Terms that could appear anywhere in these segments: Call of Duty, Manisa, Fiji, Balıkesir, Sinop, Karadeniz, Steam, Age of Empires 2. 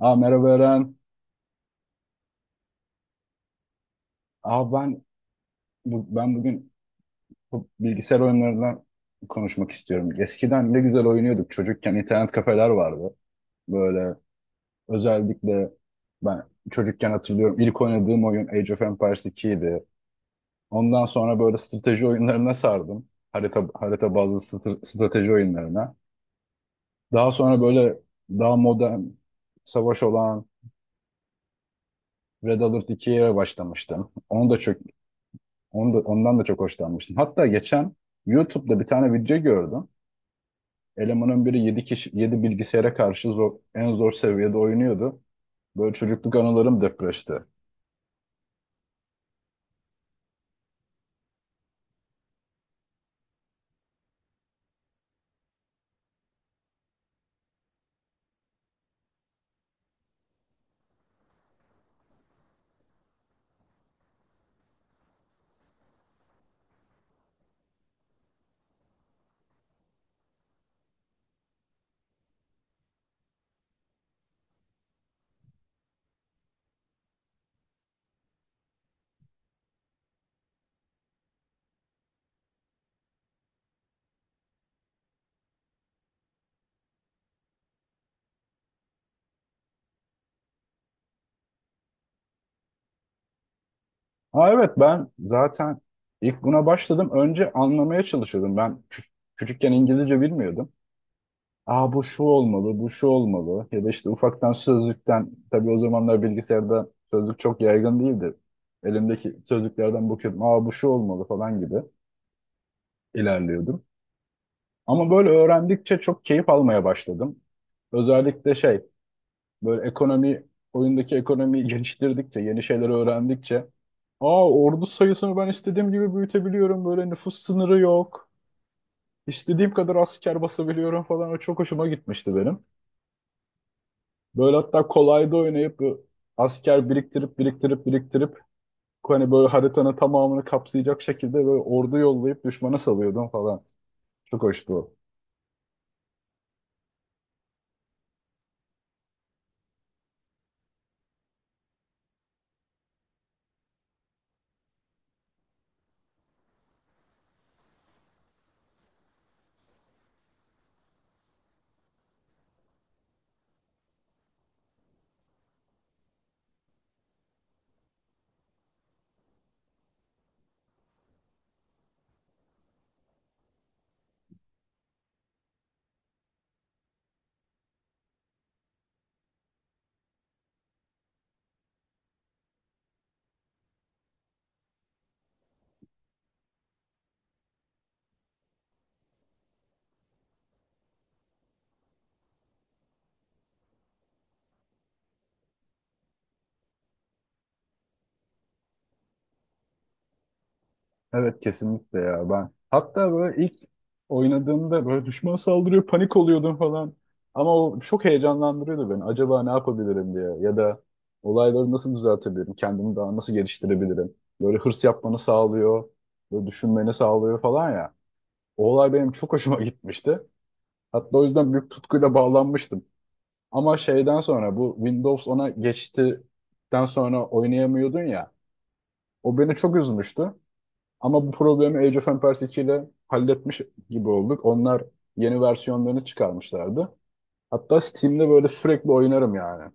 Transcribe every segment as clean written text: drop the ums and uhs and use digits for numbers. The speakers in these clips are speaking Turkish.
Merhaba Eren. Aa, ben, ben bugün bu bilgisayar oyunlarından konuşmak istiyorum. Eskiden ne güzel oynuyorduk. Çocukken internet kafeler vardı. Böyle özellikle ben çocukken hatırlıyorum, ilk oynadığım oyun Age of Empires 2 idi. Ondan sonra böyle strateji oyunlarına sardım. Harita bazlı strateji oyunlarına. Daha sonra böyle daha modern savaş olan Red Alert 2'ye başlamıştım. Onu da çok Onu da, ondan da çok hoşlanmıştım. Hatta geçen YouTube'da bir tane video gördüm. Elemanın biri 7 kişi 7 bilgisayara karşı zor, en zor seviyede oynuyordu. Böyle çocukluk anılarım depreşti. Ha evet, ben zaten ilk buna başladım. Önce anlamaya çalışıyordum. Küçükken İngilizce bilmiyordum. Aa, bu şu olmalı, bu şu olmalı. Ya da işte ufaktan sözlükten, tabii o zamanlar bilgisayarda sözlük çok yaygın değildi. Elimdeki sözlüklerden bakıyordum. Aa, bu şu olmalı falan gibi ilerliyordum. Ama böyle öğrendikçe çok keyif almaya başladım. Özellikle böyle ekonomi, oyundaki ekonomiyi geliştirdikçe, yeni şeyler öğrendikçe, aa, ordu sayısını ben istediğim gibi büyütebiliyorum, böyle nüfus sınırı yok, istediğim kadar asker basabiliyorum falan, o çok hoşuma gitmişti benim. Böyle hatta kolayda oynayıp bu asker biriktirip hani böyle haritanın tamamını kapsayacak şekilde böyle ordu yollayıp düşmana salıyordum falan. Çok hoştu o. Evet, kesinlikle ya. Ben hatta böyle ilk oynadığımda böyle düşman saldırıyor, panik oluyordum falan. Ama o çok heyecanlandırıyordu beni. Acaba ne yapabilirim diye, ya da olayları nasıl düzeltebilirim, kendimi daha nasıl geliştirebilirim. Böyle hırs yapmanı sağlıyor, böyle düşünmeni sağlıyor falan ya. O olay benim çok hoşuma gitmişti. Hatta o yüzden büyük tutkuyla bağlanmıştım. Ama şeyden sonra bu Windows 10'a geçtikten sonra oynayamıyordun ya. O beni çok üzmüştü. Ama bu problemi Age of Empires 2 ile halletmiş gibi olduk. Onlar yeni versiyonlarını çıkarmışlardı. Hatta Steam'de böyle sürekli oynarım yani.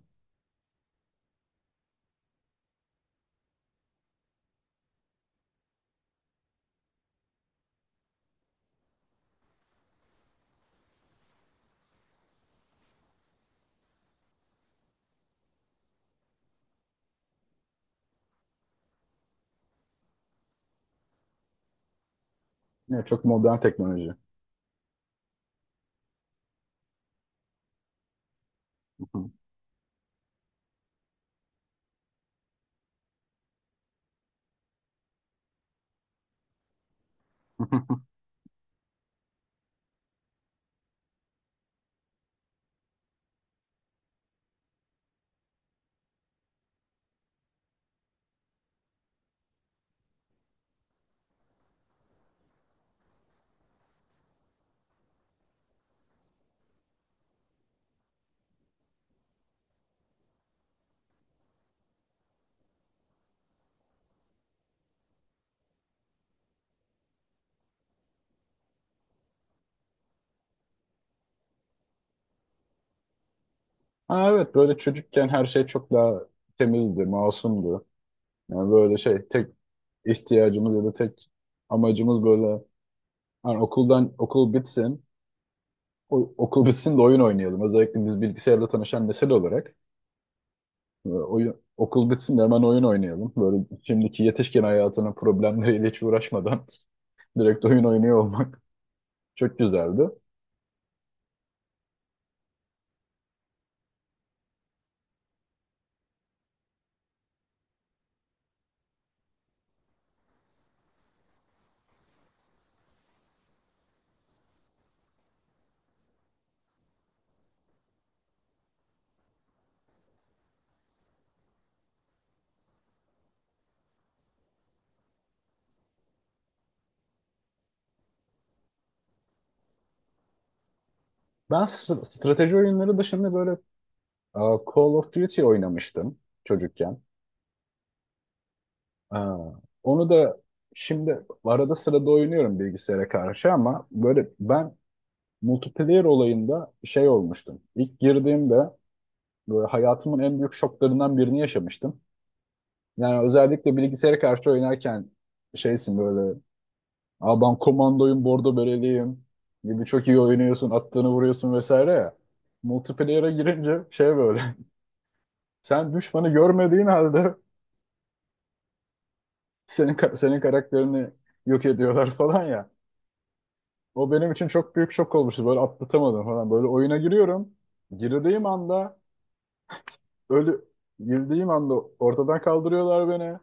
Ne çok modern teknoloji. Ha evet, böyle çocukken her şey çok daha temizdi, masumdu. Yani böyle tek ihtiyacımız ya da tek amacımız böyle hani okul bitsin. Okul bitsin de oyun oynayalım. Özellikle biz bilgisayarla tanışan nesil olarak. Oyun, okul bitsin de hemen oyun oynayalım. Böyle şimdiki yetişkin hayatının problemleriyle hiç uğraşmadan direkt oyun oynuyor olmak çok güzeldi. Strateji oyunları dışında böyle Call of Duty oynamıştım çocukken. Aa, onu da şimdi arada sırada oynuyorum bilgisayara karşı, ama böyle ben multiplayer olayında şey olmuştum. İlk girdiğimde böyle hayatımın en büyük şoklarından birini yaşamıştım. Yani özellikle bilgisayara karşı oynarken şeysin böyle. Aa, ben komandoyum, bordo böreliyim gibi çok iyi oynuyorsun, attığını vuruyorsun vesaire ya. Multiplayer'a girince şey böyle. Sen düşmanı görmediğin halde senin karakterini yok ediyorlar falan ya. O benim için çok büyük şok olmuştu. Böyle atlatamadım falan. Böyle oyuna giriyorum. Girdiğim anda ölü, girdiğim anda ortadan kaldırıyorlar beni.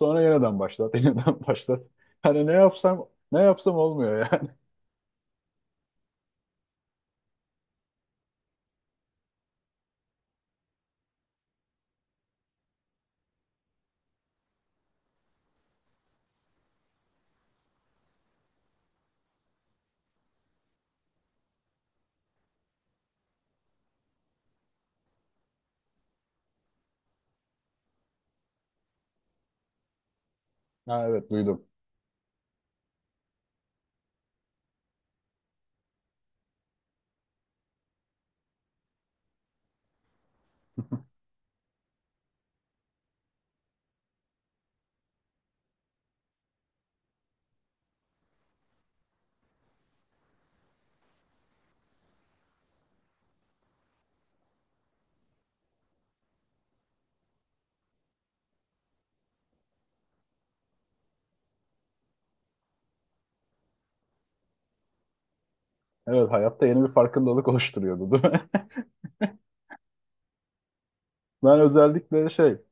Sonra yeniden başlat, yeniden başlat. Hani ne yapsam olmuyor yani. Ha, evet duydum. Evet, hayatta yeni bir farkındalık oluşturuyordu değil mi? Ben özellikle şey,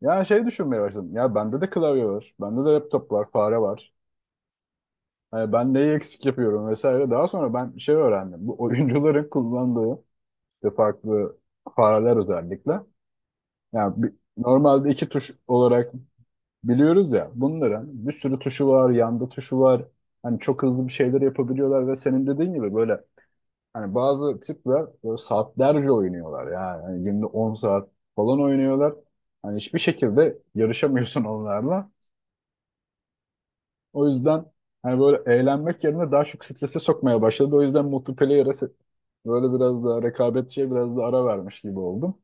yani şey düşünmeye başladım. Ya bende de klavye var, bende de laptop var, fare var. Hani ben neyi eksik yapıyorum vesaire. Daha sonra ben şey öğrendim. Bu oyuncuların kullandığı işte farklı fareler özellikle. Yani normalde iki tuş olarak biliyoruz ya. Bunların bir sürü tuşu var, yanda tuşu var. Hani çok hızlı bir şeyler yapabiliyorlar ve senin dediğin gibi böyle hani bazı tipler böyle saatlerce oynuyorlar yani. Hani günde 10 saat falan oynuyorlar. Hani hiçbir şekilde yarışamıyorsun onlarla. O yüzden hani böyle eğlenmek yerine daha çok strese sokmaya başladı. O yüzden böyle biraz daha rekabetçiye biraz da ara vermiş gibi oldum.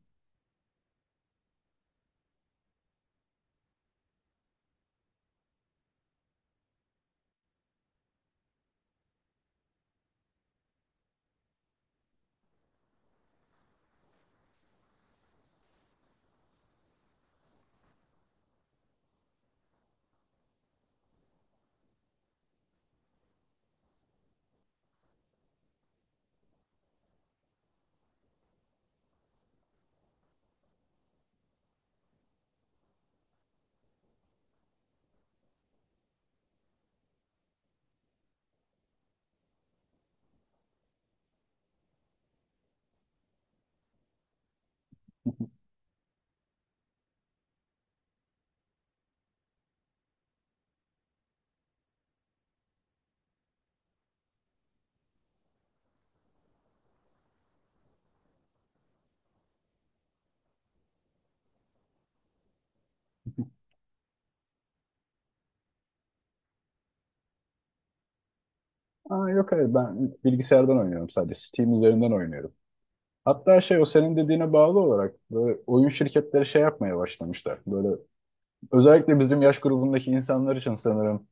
Aa, yok hayır, ben bilgisayardan oynuyorum sadece. Steam üzerinden oynuyorum. Hatta şey, o senin dediğine bağlı olarak böyle oyun şirketleri şey yapmaya başlamışlar. Böyle özellikle bizim yaş grubundaki insanlar için sanırım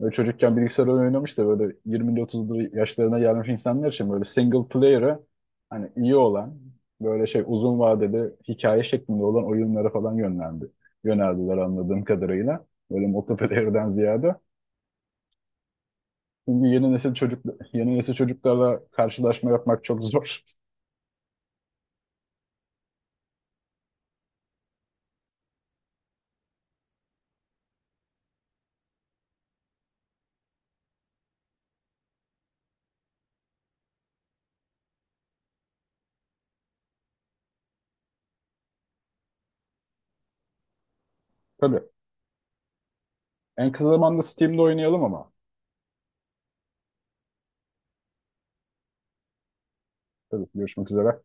böyle çocukken bilgisayar oyunu oynamış da böyle 20'li 30'lu yaşlarına gelmiş insanlar için böyle single player'ı hani iyi olan böyle şey uzun vadeli hikaye şeklinde olan oyunlara falan yönlendi. Yöneldiler anladığım kadarıyla. Böyle multiplayer'den ziyade. Şimdi yeni nesil çocuklarla karşılaşma yapmak çok zor. Tabii. En kısa zamanda Steam'de oynayalım ama. Tabii, görüşmek üzere.